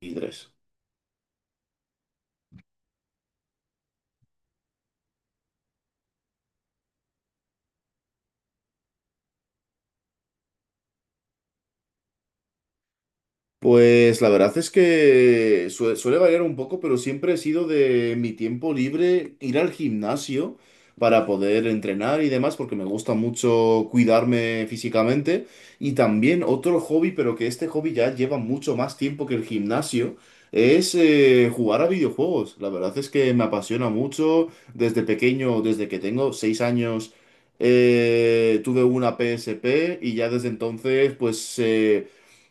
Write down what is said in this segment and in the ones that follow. Y tres. Pues la verdad es que suele variar un poco, pero siempre he sido de mi tiempo libre ir al gimnasio para poder entrenar y demás, porque me gusta mucho cuidarme físicamente. Y también otro hobby, pero que este hobby ya lleva mucho más tiempo que el gimnasio, es jugar a videojuegos. La verdad es que me apasiona mucho. Desde pequeño, desde que tengo 6 años, tuve una PSP y ya desde entonces, pues,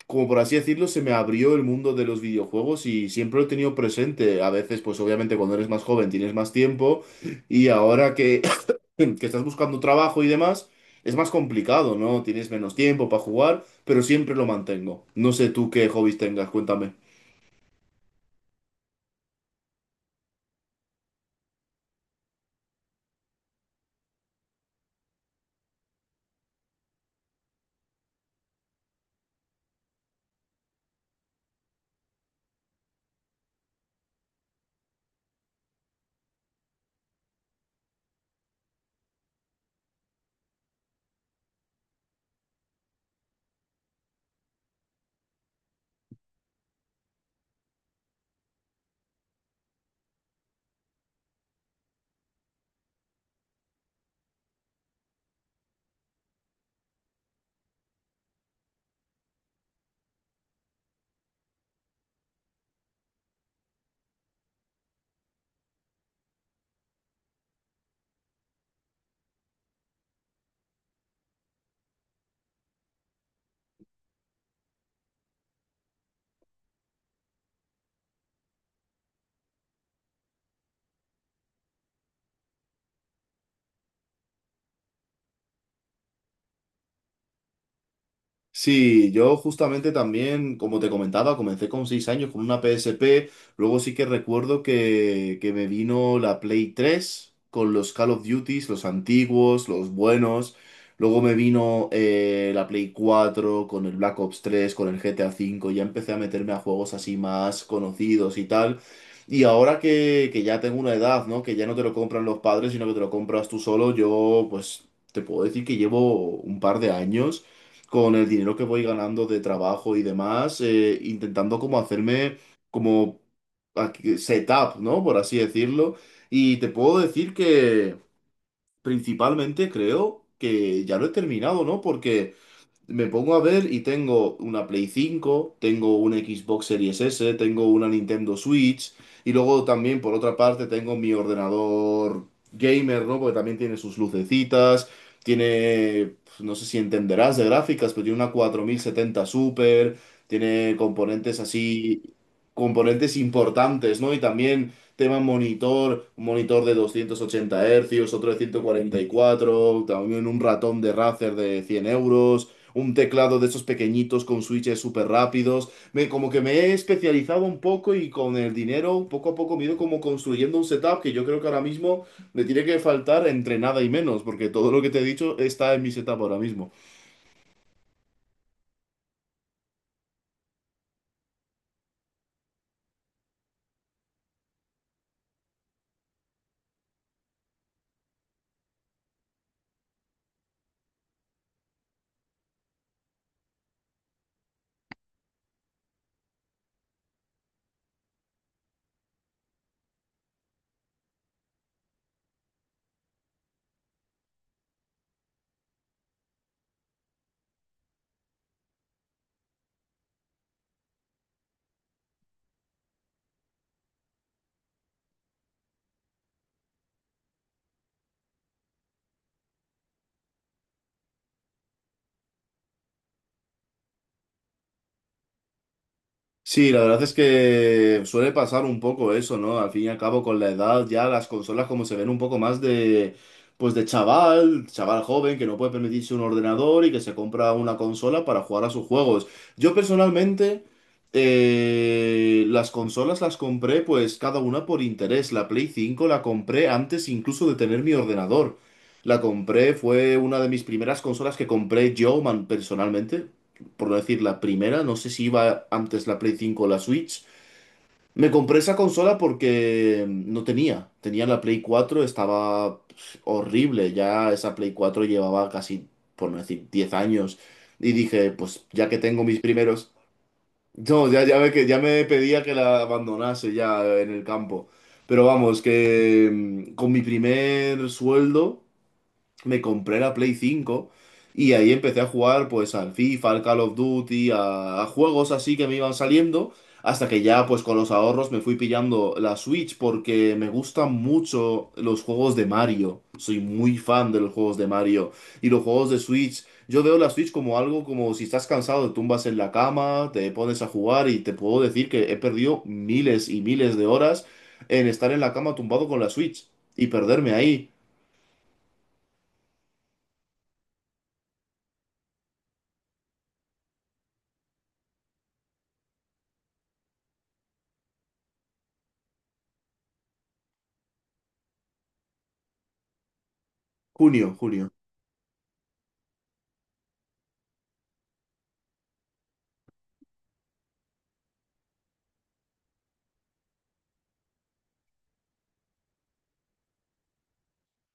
como por así decirlo, se me abrió el mundo de los videojuegos y siempre lo he tenido presente. A veces, pues obviamente cuando eres más joven tienes más tiempo y ahora que, que estás buscando trabajo y demás, es más complicado, ¿no? Tienes menos tiempo para jugar, pero siempre lo mantengo. No sé tú qué hobbies tengas, cuéntame. Sí, yo justamente también, como te comentaba, comencé con 6 años con una PSP, luego sí que recuerdo que me vino la Play 3 con los Call of Duties, los antiguos, los buenos, luego me vino la Play 4 con el Black Ops 3, con el GTA 5. Ya empecé a meterme a juegos así más conocidos y tal. Y ahora que ya tengo una edad, ¿no? Que ya no te lo compran los padres, sino que te lo compras tú solo, yo pues te puedo decir que llevo un par de años con el dinero que voy ganando de trabajo y demás, intentando como hacerme como setup, ¿no? Por así decirlo. Y te puedo decir que principalmente creo que ya lo he terminado, ¿no? Porque. Me pongo a ver y tengo una Play 5, tengo una Xbox Series S, tengo una Nintendo Switch y luego también por otra parte tengo mi ordenador gamer, ¿no? Porque también tiene sus lucecitas, tiene, pues, no sé si entenderás de gráficas, pero tiene una 4070 Super, tiene componentes así, componentes importantes, ¿no? Y también tema monitor, un monitor de 280 Hz, otro de 144, también un ratón de Razer de 100 euros, un teclado de esos pequeñitos con switches súper rápidos. Me, como que me he especializado un poco y con el dinero, poco a poco, me he ido como construyendo un setup que yo creo que ahora mismo me tiene que faltar entre nada y menos, porque todo lo que te he dicho está en mi setup ahora mismo. Sí, la verdad es que suele pasar un poco eso, ¿no? Al fin y al cabo, con la edad, ya las consolas como se ven un poco más de, pues de chaval, chaval joven que no puede permitirse un ordenador y que se compra una consola para jugar a sus juegos. Yo personalmente, las consolas las compré pues cada una por interés. La Play 5 la compré antes incluso de tener mi ordenador. La compré, fue una de mis primeras consolas que compré yo personalmente, por no decir la primera, no sé si iba antes la Play 5 o la Switch. Me compré esa consola porque no tenía. Tenía la Play 4, estaba, pues, horrible. Ya esa Play 4 llevaba casi, por no decir, 10 años. Y dije, pues ya que tengo mis primeros. No, ya, ya, ya me pedía que la abandonase ya en el campo. Pero vamos, que con mi primer sueldo me compré la Play 5 y ahí empecé a jugar pues al FIFA, al Call of Duty, a juegos así que me iban saliendo, hasta que ya pues con los ahorros me fui pillando la Switch porque me gustan mucho los juegos de Mario. Soy muy fan de los juegos de Mario y los juegos de Switch. Yo veo la Switch como algo como si estás cansado, te tumbas en la cama, te pones a jugar y te puedo decir que he perdido miles y miles de horas en estar en la cama tumbado con la Switch y perderme ahí. Junio, junio.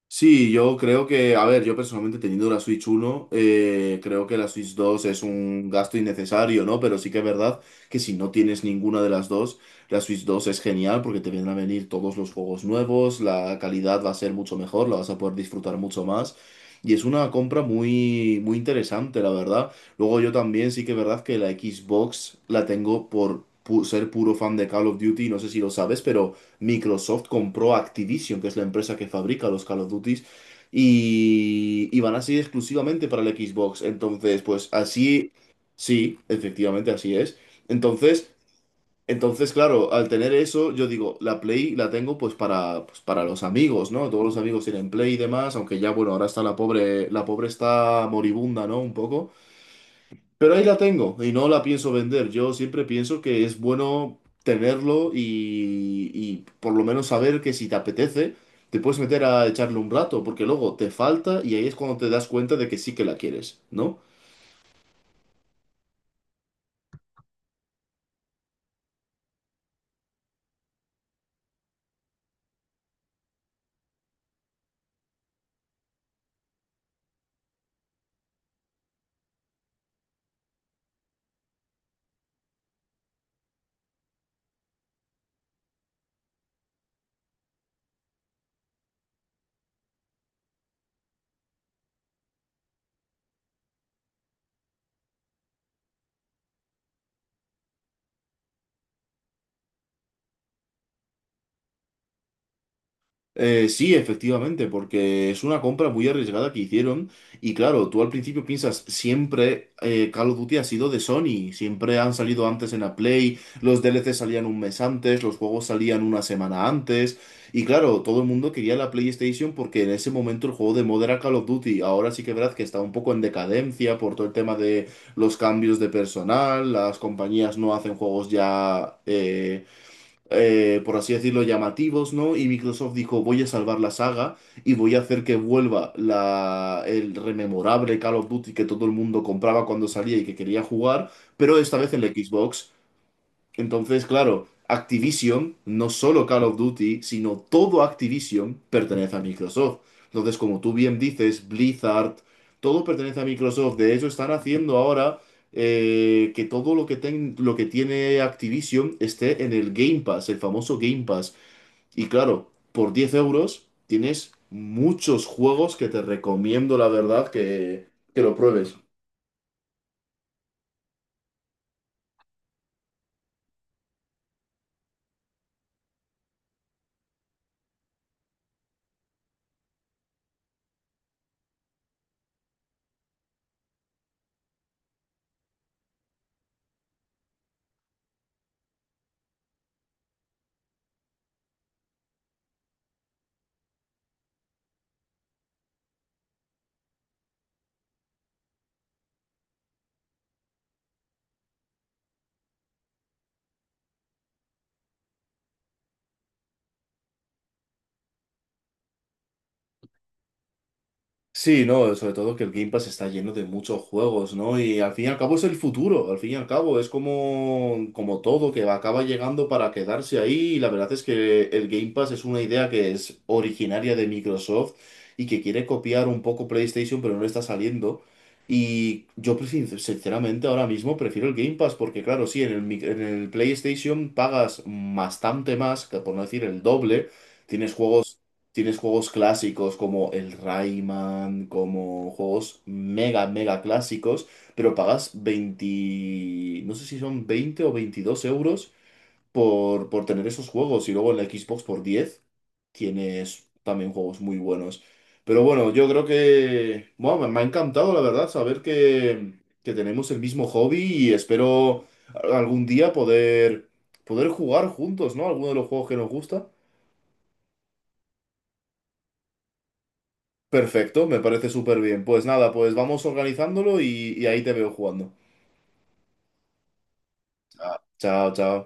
Sí, yo creo que, a ver, yo personalmente teniendo la Switch 1, creo que la Switch 2 es un gasto innecesario, ¿no? Pero sí que es verdad que si no tienes ninguna de las dos, la Switch 2 es genial porque te vienen a venir todos los juegos nuevos, la calidad va a ser mucho mejor, la vas a poder disfrutar mucho más. Y es una compra muy, muy interesante, la verdad. Luego yo también sí que es verdad que la Xbox la tengo por ser puro fan de Call of Duty, no sé si lo sabes, pero. Microsoft compró Activision, que es la empresa que fabrica los Call of Duty, y van a ser exclusivamente para el Xbox. Entonces, pues así, sí, efectivamente así es. Entonces, entonces, claro, al tener eso, yo digo, la Play la tengo pues para, pues, para los amigos, ¿no? Todos los amigos tienen Play y demás, aunque ya, bueno, ahora está la pobre está moribunda, ¿no? Un poco. Pero ahí la tengo y no la pienso vender. Yo siempre pienso que es bueno tenerlo y por lo menos saber que si te apetece, te puedes meter a echarle un rato, porque luego te falta y ahí es cuando te das cuenta de que sí que la quieres, ¿no? Sí, efectivamente, porque es una compra muy arriesgada que hicieron y claro, tú al principio piensas, siempre Call of Duty ha sido de Sony, siempre han salido antes en la Play, los DLC salían un mes antes, los juegos salían una semana antes y claro, todo el mundo quería la PlayStation porque en ese momento el juego de moda era Call of Duty, ahora sí que es verdad que está un poco en decadencia por todo el tema de los cambios de personal, las compañías no hacen juegos ya, por así decirlo, llamativos, ¿no? Y Microsoft dijo, voy a salvar la saga y voy a hacer que vuelva la, el rememorable Call of Duty que todo el mundo compraba cuando salía y que quería jugar, pero esta vez en la Xbox. Entonces, claro, Activision, no solo Call of Duty, sino todo Activision pertenece a Microsoft. Entonces, como tú bien dices, Blizzard, todo pertenece a Microsoft. De hecho, están haciendo ahora que todo lo que tiene Activision esté en el Game Pass, el famoso Game Pass. Y claro, por 10 euros tienes muchos juegos que te recomiendo, la verdad, que lo pruebes. Sí, no, sobre todo que el Game Pass está lleno de muchos juegos, ¿no? Y al fin y al cabo es el futuro, al fin y al cabo es como, como todo que acaba llegando para quedarse ahí y la verdad es que el Game Pass es una idea que es originaria de Microsoft y que quiere copiar un poco PlayStation pero no le está saliendo. Y yo pues, sinceramente ahora mismo prefiero el Game Pass porque claro, sí, en el PlayStation pagas bastante más, que por no decir el doble. Tienes juegos. Tienes juegos clásicos como el Rayman, como juegos mega, mega clásicos, pero pagas 20, no sé si son 20 o 22 euros por tener esos juegos. Y luego en la Xbox por 10 tienes también juegos muy buenos. Pero bueno, yo creo que, bueno, me ha encantado, la verdad, saber que tenemos el mismo hobby y espero algún día poder, poder jugar juntos, ¿no? Alguno de los juegos que nos gusta. Perfecto, me parece súper bien. Pues nada, pues vamos organizándolo y ahí te veo jugando. Chao, chao.